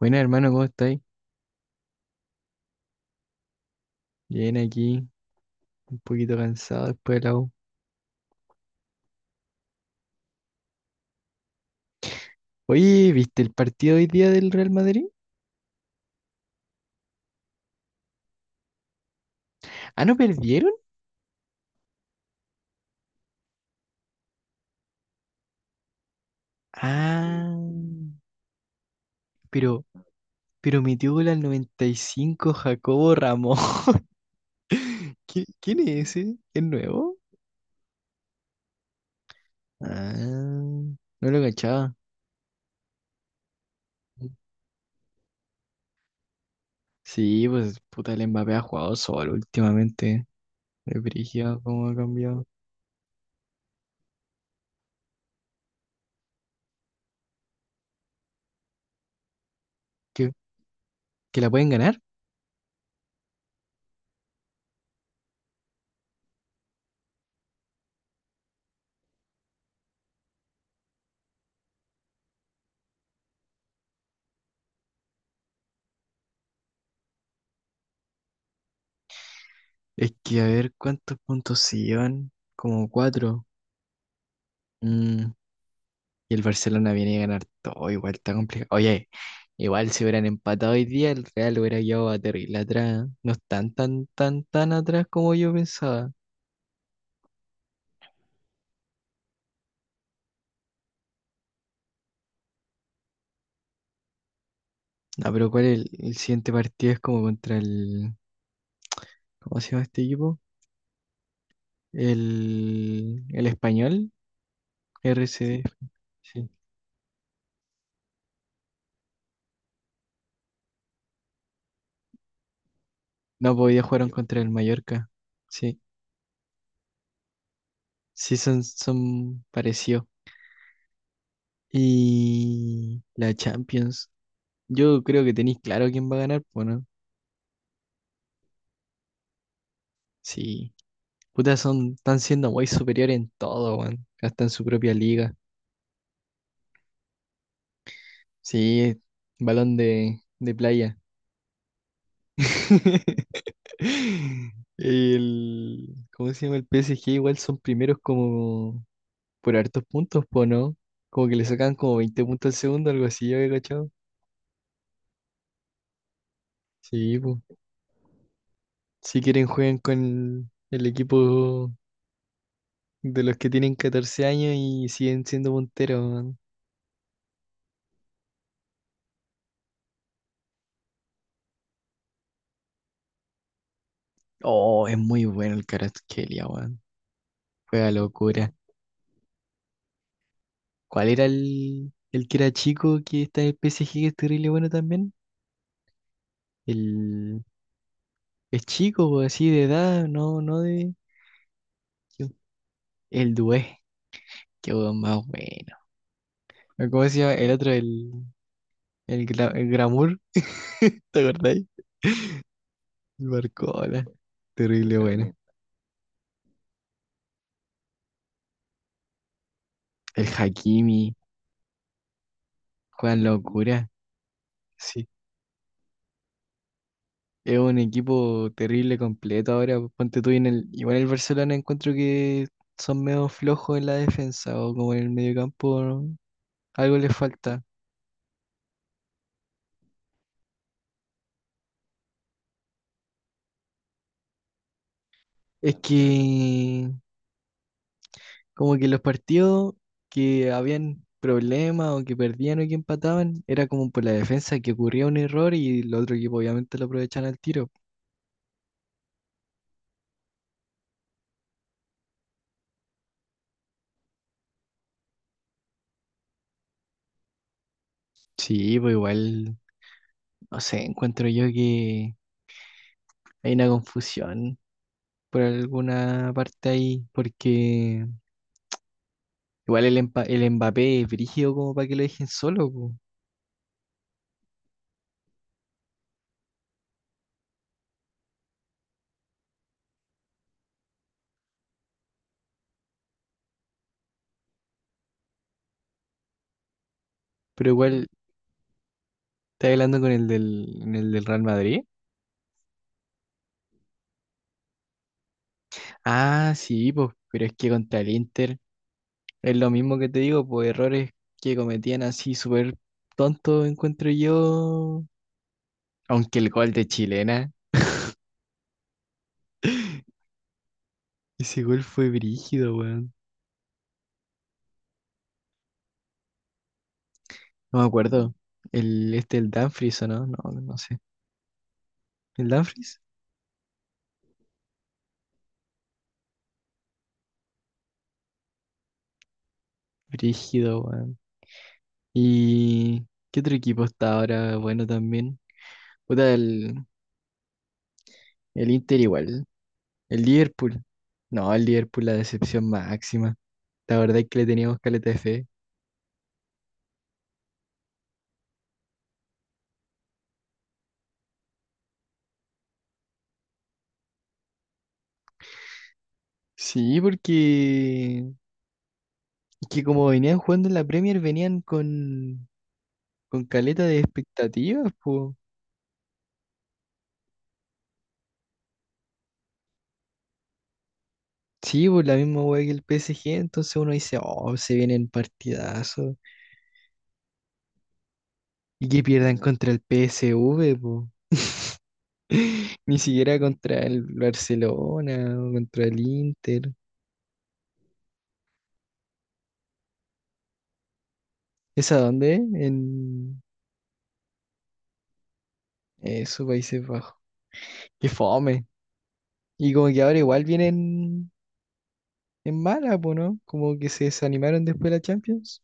Buenas, hermano, ¿cómo estáis? Bien aquí, un poquito cansado después de la U. Oye, ¿viste el partido hoy día del Real Madrid? Ah, ¿no perdieron? Ah, pero, pero metió gol al 95 Jacobo Ramos. ¿Quién es ese? ¿Es nuevo? Ah, no lo cachaba. Sí, pues puta, el Mbappé ha jugado solo últimamente. Es brígido cómo ha cambiado. ¿Que, que la pueden ganar? Es que a ver cuántos puntos se llevan. Como cuatro. Mm, Y el Barcelona viene a ganar todo, igual está complicado. Oye, igual si hubieran empatado hoy día, el Real hubiera llevado a terrible atrás. ¿Eh? No están tan, tan, tan atrás como yo pensaba. No, pero ¿cuál es el siguiente partido? Es como contra el. ¿Cómo se llama este equipo? El Español, RCD. Sí. Sí. No, podía jugaron contra el Mallorca. Sí, sí son parecidos. Y la Champions. Yo creo que tenéis claro quién va a ganar, bueno. Sí. Puta, están siendo muy superiores en todo, weón. Hasta en su propia liga. Sí, balón de playa. ¿Cómo se llama? El P. S G. igual son primeros como por hartos puntos, po, ¿no? Como que le sacan como 20 puntos al segundo, algo así, yo he cachado. Sí, po. Si quieren juegan con el equipo de los que tienen 14 años y siguen siendo punteros, weón. Oh, es muy bueno el Kvaratskhelia, weón. Juega locura. ¿Cuál era el que era chico que está en el PSG que es terrible bueno también? El es chico, po, así de edad, no, no de. El Dué, qué weón más bueno. ¿O ¿Cómo se llama? El otro, el Gramur, ¿te acordáis? El Barcola, terrible bueno. El Hakimi, Juan Locura, sí. Es un equipo terrible completo ahora. Pues, ponte tú en el. Igual el Barcelona encuentro que son medio flojos en la defensa o como en el mediocampo, ¿no? Algo les falta. Es que como que los partidos que habían problemas o que perdían o que empataban, era como por la defensa que ocurría un error y el otro equipo obviamente lo aprovechaban al tiro. Sí, pues igual, no sé, encuentro yo que hay una confusión por alguna parte ahí, porque igual el Mbappé es brígido como para que lo dejen solo, po. Pero igual, ¿estás hablando con en el del Real Madrid? Ah, sí, pues, pero es que contra el Inter. Es lo mismo que te digo, pues errores que cometían así súper tontos encuentro yo. Aunque el gol de chilena, ese gol fue brígido, weón. No me acuerdo. El Dumfries, ¿o no? No, no no sé. ¿El Dumfries? Brígido, weón. ¿Y qué otro equipo está ahora bueno también? Puta, el Inter igual. El Liverpool. No, el Liverpool la decepción máxima. La verdad es que le teníamos caleta de fe. Sí, porque que como venían jugando en la Premier, venían con caleta de expectativas, pues. Sí, pues la misma wea que el PSG, entonces uno dice, oh, se vienen partidazos. Y que pierdan contra el PSV, pues. Ni siquiera contra el Barcelona o contra el Inter. ¿Es a dónde? En esos Países Bajos. Qué fome. Y como que ahora igual vienen en mala, pues, ¿no? Como que se desanimaron después de la Champions.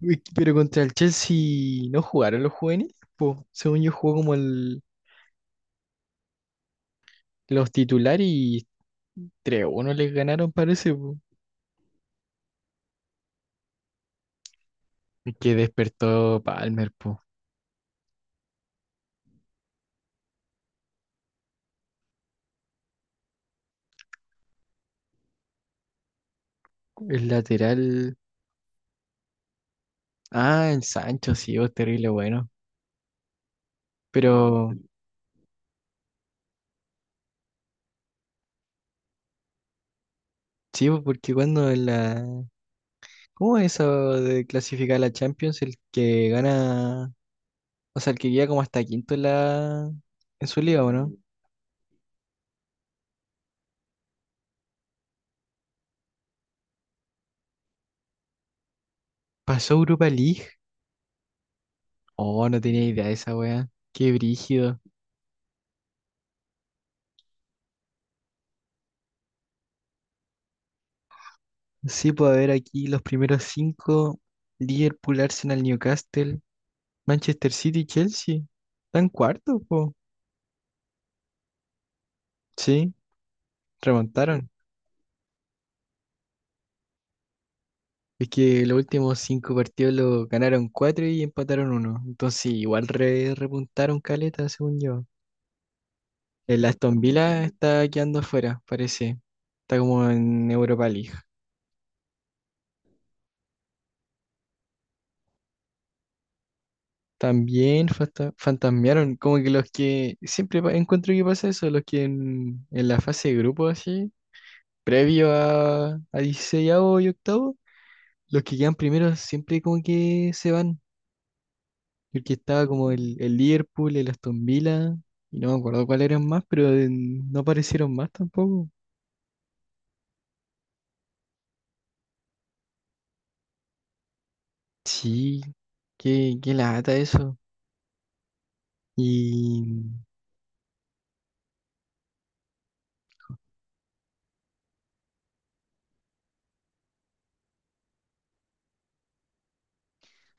Uy, pero contra el Chelsea no jugaron los juveniles, po. Según yo jugó como los titulares y 3 uno les ganaron, parece, po. Es que despertó Palmer, po. El lateral. Ah, el Sancho, sí, oh, terrible bueno. Pero sí, po, porque cuando en la. ¿Cómo es eso de clasificar a la Champions? El que gana. O sea, el que llega como hasta quinto en la. En su liga, ¿o no? Pasó Europa League. Oh, no tenía idea de esa wea. Qué brígido. Sí, puedo ver aquí los primeros cinco: Liverpool, Arsenal, Newcastle, Manchester City, Chelsea. Están cuarto, po. Sí, remontaron. Es que los últimos cinco partidos lo ganaron cuatro y empataron uno. Entonces igual repuntaron caleta, según yo. El Aston Villa está quedando afuera, parece. Está como en Europa League. También fantasmearon, como que los que siempre encuentro que pasa eso, los que en la fase de grupo así. Previo a 16 y octavo, los que quedan primeros siempre como que se van. Porque estaba como el Liverpool, el Aston Villa, y no me acuerdo cuáles eran más, pero no aparecieron más tampoco. Sí, qué lata eso. Y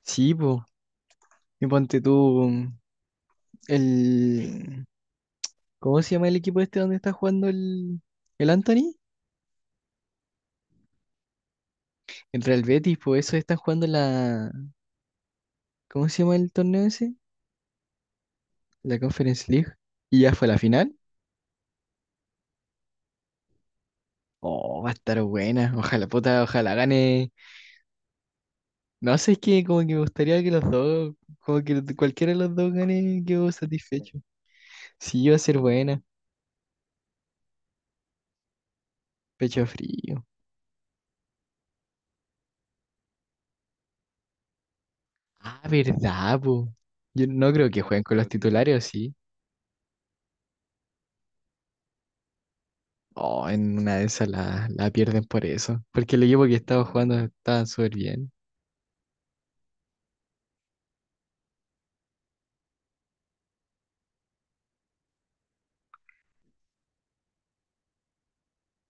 sí, po, y ponte tú mm, el. ¿Cómo se llama el equipo este donde está jugando el Anthony? El Real Betis, pues eso están jugando la. ¿Cómo se llama el torneo ese? La Conference League. Y ya fue la final. Oh, va a estar buena. Ojalá, puta, ojalá gane. No sé, es que como que me gustaría que los dos, como que cualquiera de los dos gane, quedo satisfecho. Sí, va a ser buena. Pecho frío. Ah, verdad, po. Yo no creo que jueguen con los titulares, ¿o sí? Oh, en una de esas la pierden por eso. Porque el equipo que estaba jugando estaba súper bien.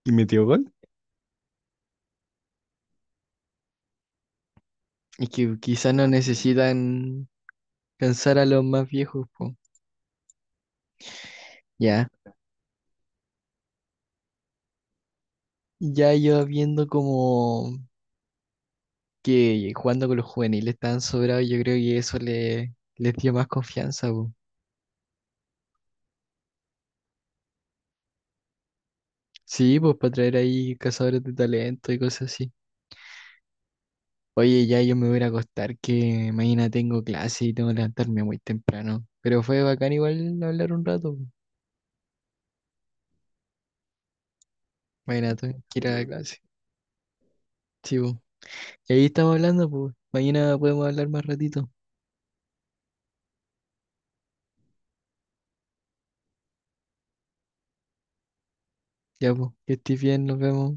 ¿Y metió gol? Y que quizás no necesitan cansar a los más viejos, po. Ya. Ya yo viendo como. Que jugando con los juveniles tan sobrados, yo creo que eso les dio más confianza, po. Sí, pues para traer ahí cazadores de talento y cosas así. Oye, ya yo me voy a ir a acostar que mañana tengo clase y tengo que levantarme muy temprano. Pero fue bacán igual hablar un rato, po. Mañana tengo que ir a la clase. Sí, po. Y ahí estamos hablando, pues. Mañana podemos hablar más ratito. Ya, pues, que estés bien, nos vemos.